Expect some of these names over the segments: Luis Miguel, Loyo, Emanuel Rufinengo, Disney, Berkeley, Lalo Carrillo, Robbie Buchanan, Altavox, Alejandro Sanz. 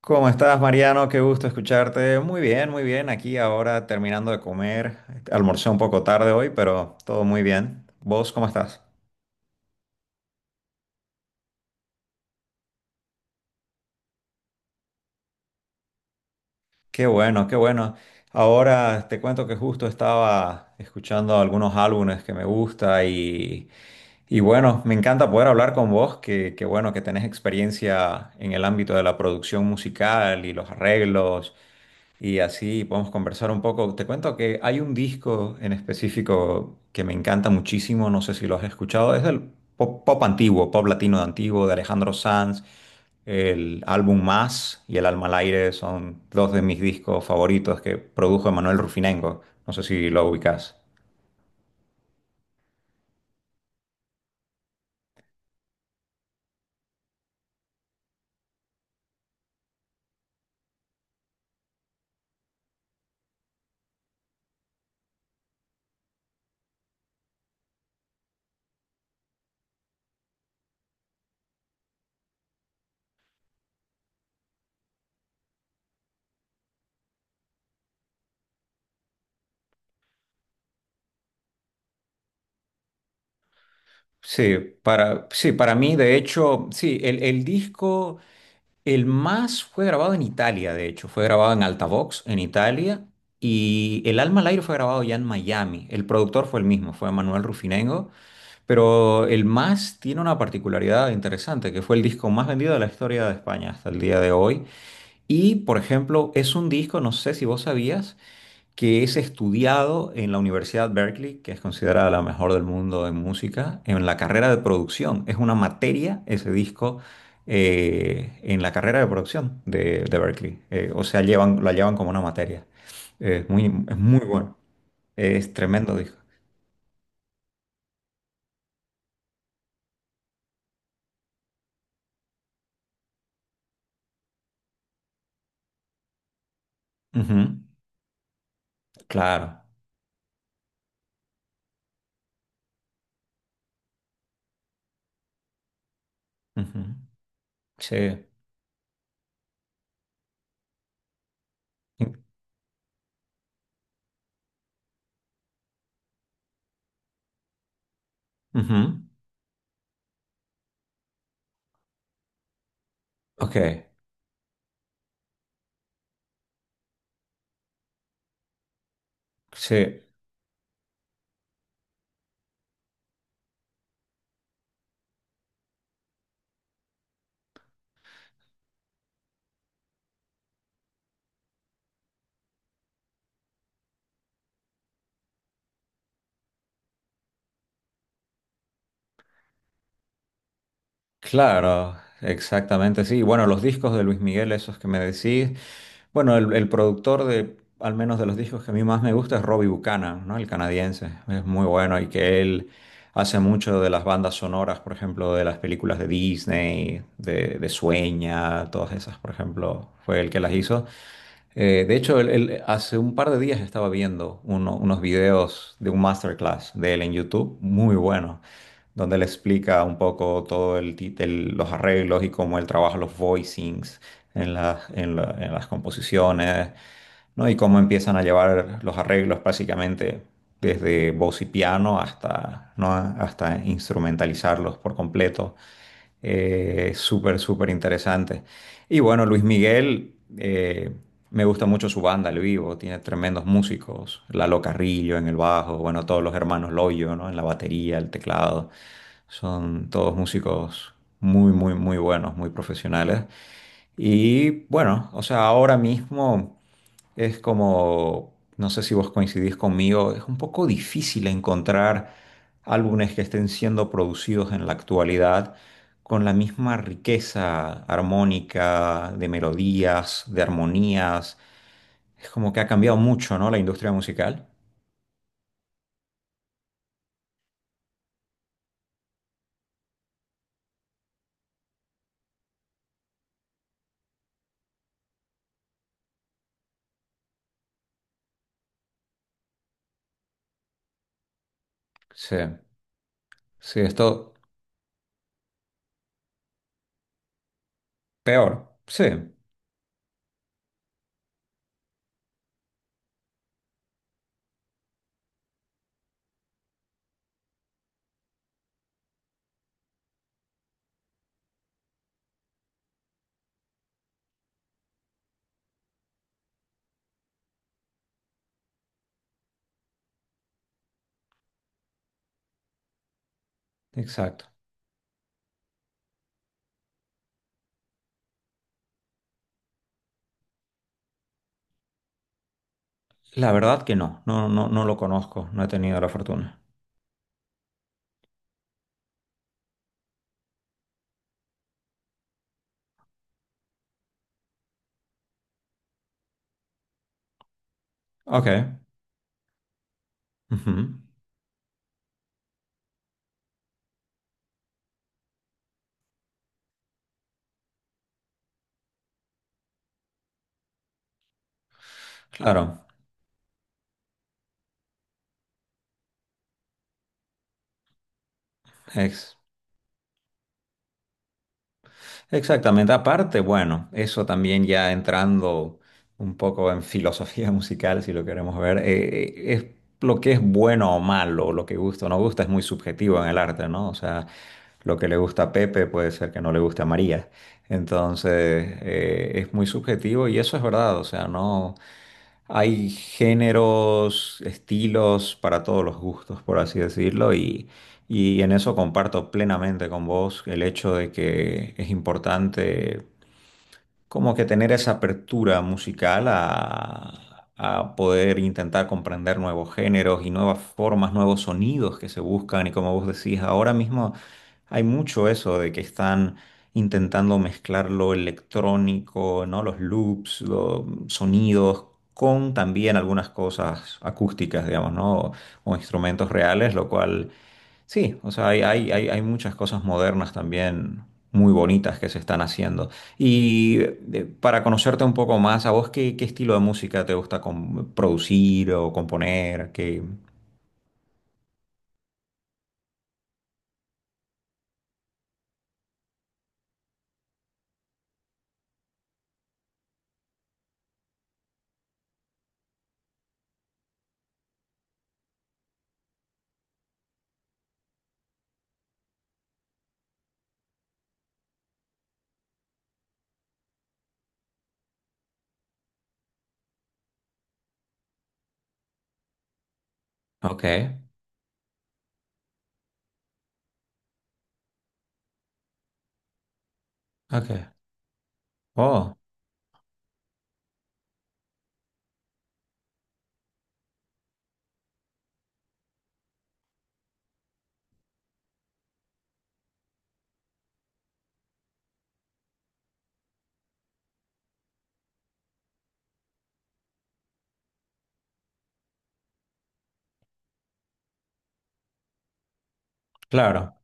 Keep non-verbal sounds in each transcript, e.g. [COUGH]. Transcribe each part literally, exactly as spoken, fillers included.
¿Cómo estás, Mariano? Qué gusto escucharte. Muy bien, muy bien. Aquí ahora terminando de comer. Almorcé un poco tarde hoy, pero todo muy bien. ¿Vos cómo estás? Qué bueno, qué bueno. Ahora te cuento que justo estaba escuchando algunos álbumes que me gusta y, y bueno, me encanta poder hablar con vos, que, que bueno que tenés experiencia en el ámbito de la producción musical y los arreglos. Y así podemos conversar un poco. Te cuento que hay un disco en específico que me encanta muchísimo, no sé si lo has escuchado, es del pop, pop antiguo, pop latino de antiguo de Alejandro Sanz. El álbum Más y El alma al aire son dos de mis discos favoritos que produjo Emanuel Rufinengo. No sé si lo ubicas. Sí, para, sí, para mí, de hecho, sí, el, el disco El Más fue grabado en Italia, de hecho, fue grabado en Altavox, en Italia, y El Alma al Aire fue grabado ya en Miami. El productor fue el mismo, fue Manuel Rufinengo, pero El Más tiene una particularidad interesante, que fue el disco más vendido de la historia de España hasta el día de hoy. Y, por ejemplo, es un disco, no sé si vos sabías, que es estudiado en la Universidad Berkeley, que es considerada la mejor del mundo en música, en la carrera de producción. Es una materia ese disco eh, en la carrera de producción de, de Berkeley. Eh, o sea, llevan, la llevan como una materia. Eh, Es muy, es muy bueno. Es tremendo disco. Ujú. Claro. Ujú. Sí. Ujú. Ok. Sí. Claro, exactamente, sí. Bueno, los discos de Luis Miguel, esos que me decís. Bueno, el, el productor de, al menos de los discos que a mí más me gusta es Robbie Buchanan, ¿no? El canadiense. Es muy bueno y que él hace mucho de las bandas sonoras, por ejemplo, de las películas de Disney, de, de Sueña, todas esas, por ejemplo, fue el que las hizo. Eh, de hecho, él- él hace un par de días estaba viendo uno- unos videos de un masterclass de él en YouTube, muy bueno, donde él explica un poco todo el, ti- el- los arreglos y cómo él trabaja los voicings en las, en la- en las composiciones. ¿No? Y cómo empiezan a llevar los arreglos básicamente desde voz y piano hasta, ¿no? hasta instrumentalizarlos por completo. Eh, súper, súper interesante. Y bueno, Luis Miguel, eh, me gusta mucho su banda al vivo, tiene tremendos músicos, Lalo Carrillo en el bajo, bueno, todos los hermanos Loyo, ¿no? En la batería, el teclado, son todos músicos muy, muy, muy buenos, muy profesionales. Y bueno, o sea, ahora mismo es como, no sé si vos coincidís conmigo, es un poco difícil encontrar álbumes que estén siendo producidos en la actualidad con la misma riqueza armónica, de melodías, de armonías. Es como que ha cambiado mucho, ¿no? La industria musical. Sí, sí, esto peor. Sí, exacto. La verdad que no, no, no, no lo conozco, no he tenido la fortuna. Ok. Ujú. Claro, ex- exactamente. Aparte, bueno, eso también ya entrando un poco en filosofía [LAUGHS] musical, si lo queremos ver, eh, eh, es lo que es bueno o malo, lo que gusta o no gusta, es muy subjetivo en el arte, ¿no? O sea, lo que le gusta a Pepe puede ser que no le guste a María. Entonces, eh, es muy subjetivo y eso es verdad, o sea, no. Hay géneros, estilos para todos los gustos, por así decirlo, y, y en eso comparto plenamente con vos el hecho de que es importante como que tener esa apertura musical a, a poder intentar comprender nuevos géneros y nuevas formas, nuevos sonidos que se buscan. Y como vos decís, ahora mismo hay mucho eso de que están intentando mezclar lo electrónico, ¿no? Los loops, los sonidos. Con también algunas cosas acústicas, digamos, ¿no? O, instrumentos reales, lo cual sí, o sea, hay, hay, hay, hay muchas cosas modernas también muy bonitas que se están haciendo. Y eh, para conocerte un poco más, ¿a vos qué, qué estilo de música te gusta com- producir o componer? ¿Qué? Ok, ok. Oh, claro,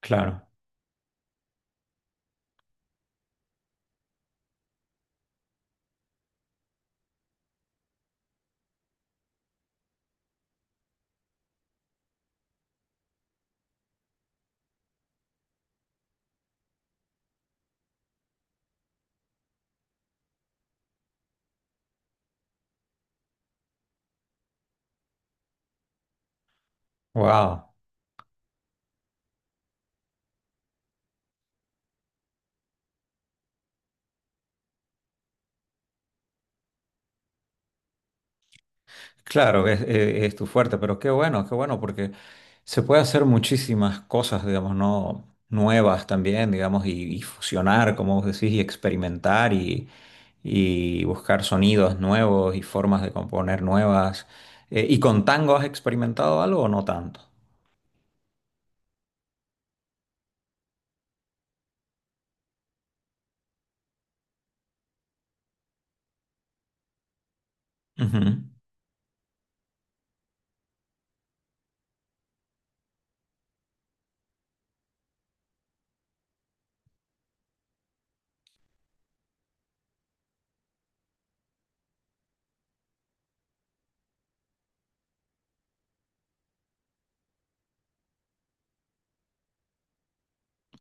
claro. Wow. Claro, es, es- es tu fuerte, pero qué bueno, qué bueno, porque se puede hacer muchísimas cosas, digamos, no nuevas también, digamos, y, y fusionar, como vos decís, y experimentar y, y buscar sonidos nuevos y formas de componer nuevas. Eh, ¿y con tango has experimentado algo o no tanto? Ujú.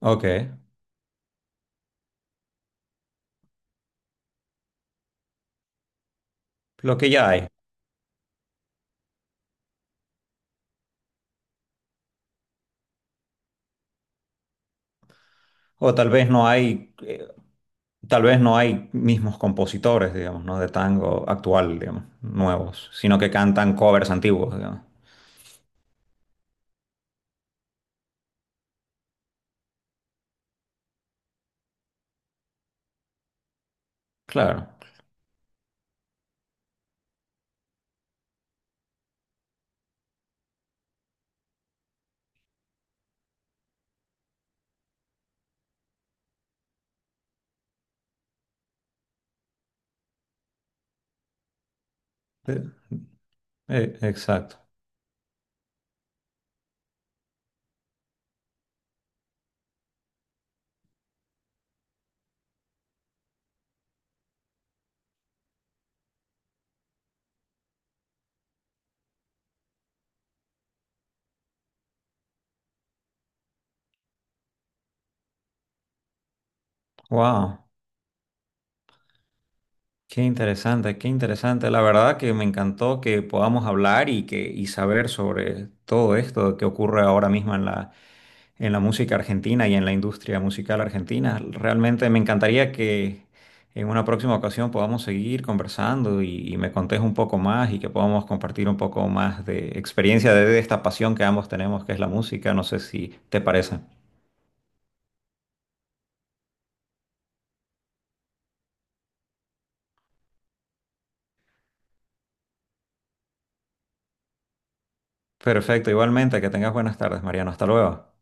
Ok, lo que ya hay. O tal vez no hay, eh, tal vez no hay mismos compositores, digamos, ¿no? De tango actual, digamos, nuevos, sino que cantan covers antiguos, digamos. Claro, eh, eh, exacto. Wow, qué interesante, qué interesante. La verdad que me encantó que podamos hablar y que y saber sobre todo esto que ocurre ahora mismo en la en la música argentina y en la industria musical argentina. Realmente me encantaría que en una próxima ocasión podamos seguir conversando y, y me contés un poco más y que podamos compartir un poco más de experiencia de, de esta pasión que ambos tenemos, que es la música. No sé si te parece. Perfecto, igualmente, que tengas buenas tardes, Mariano. Hasta luego.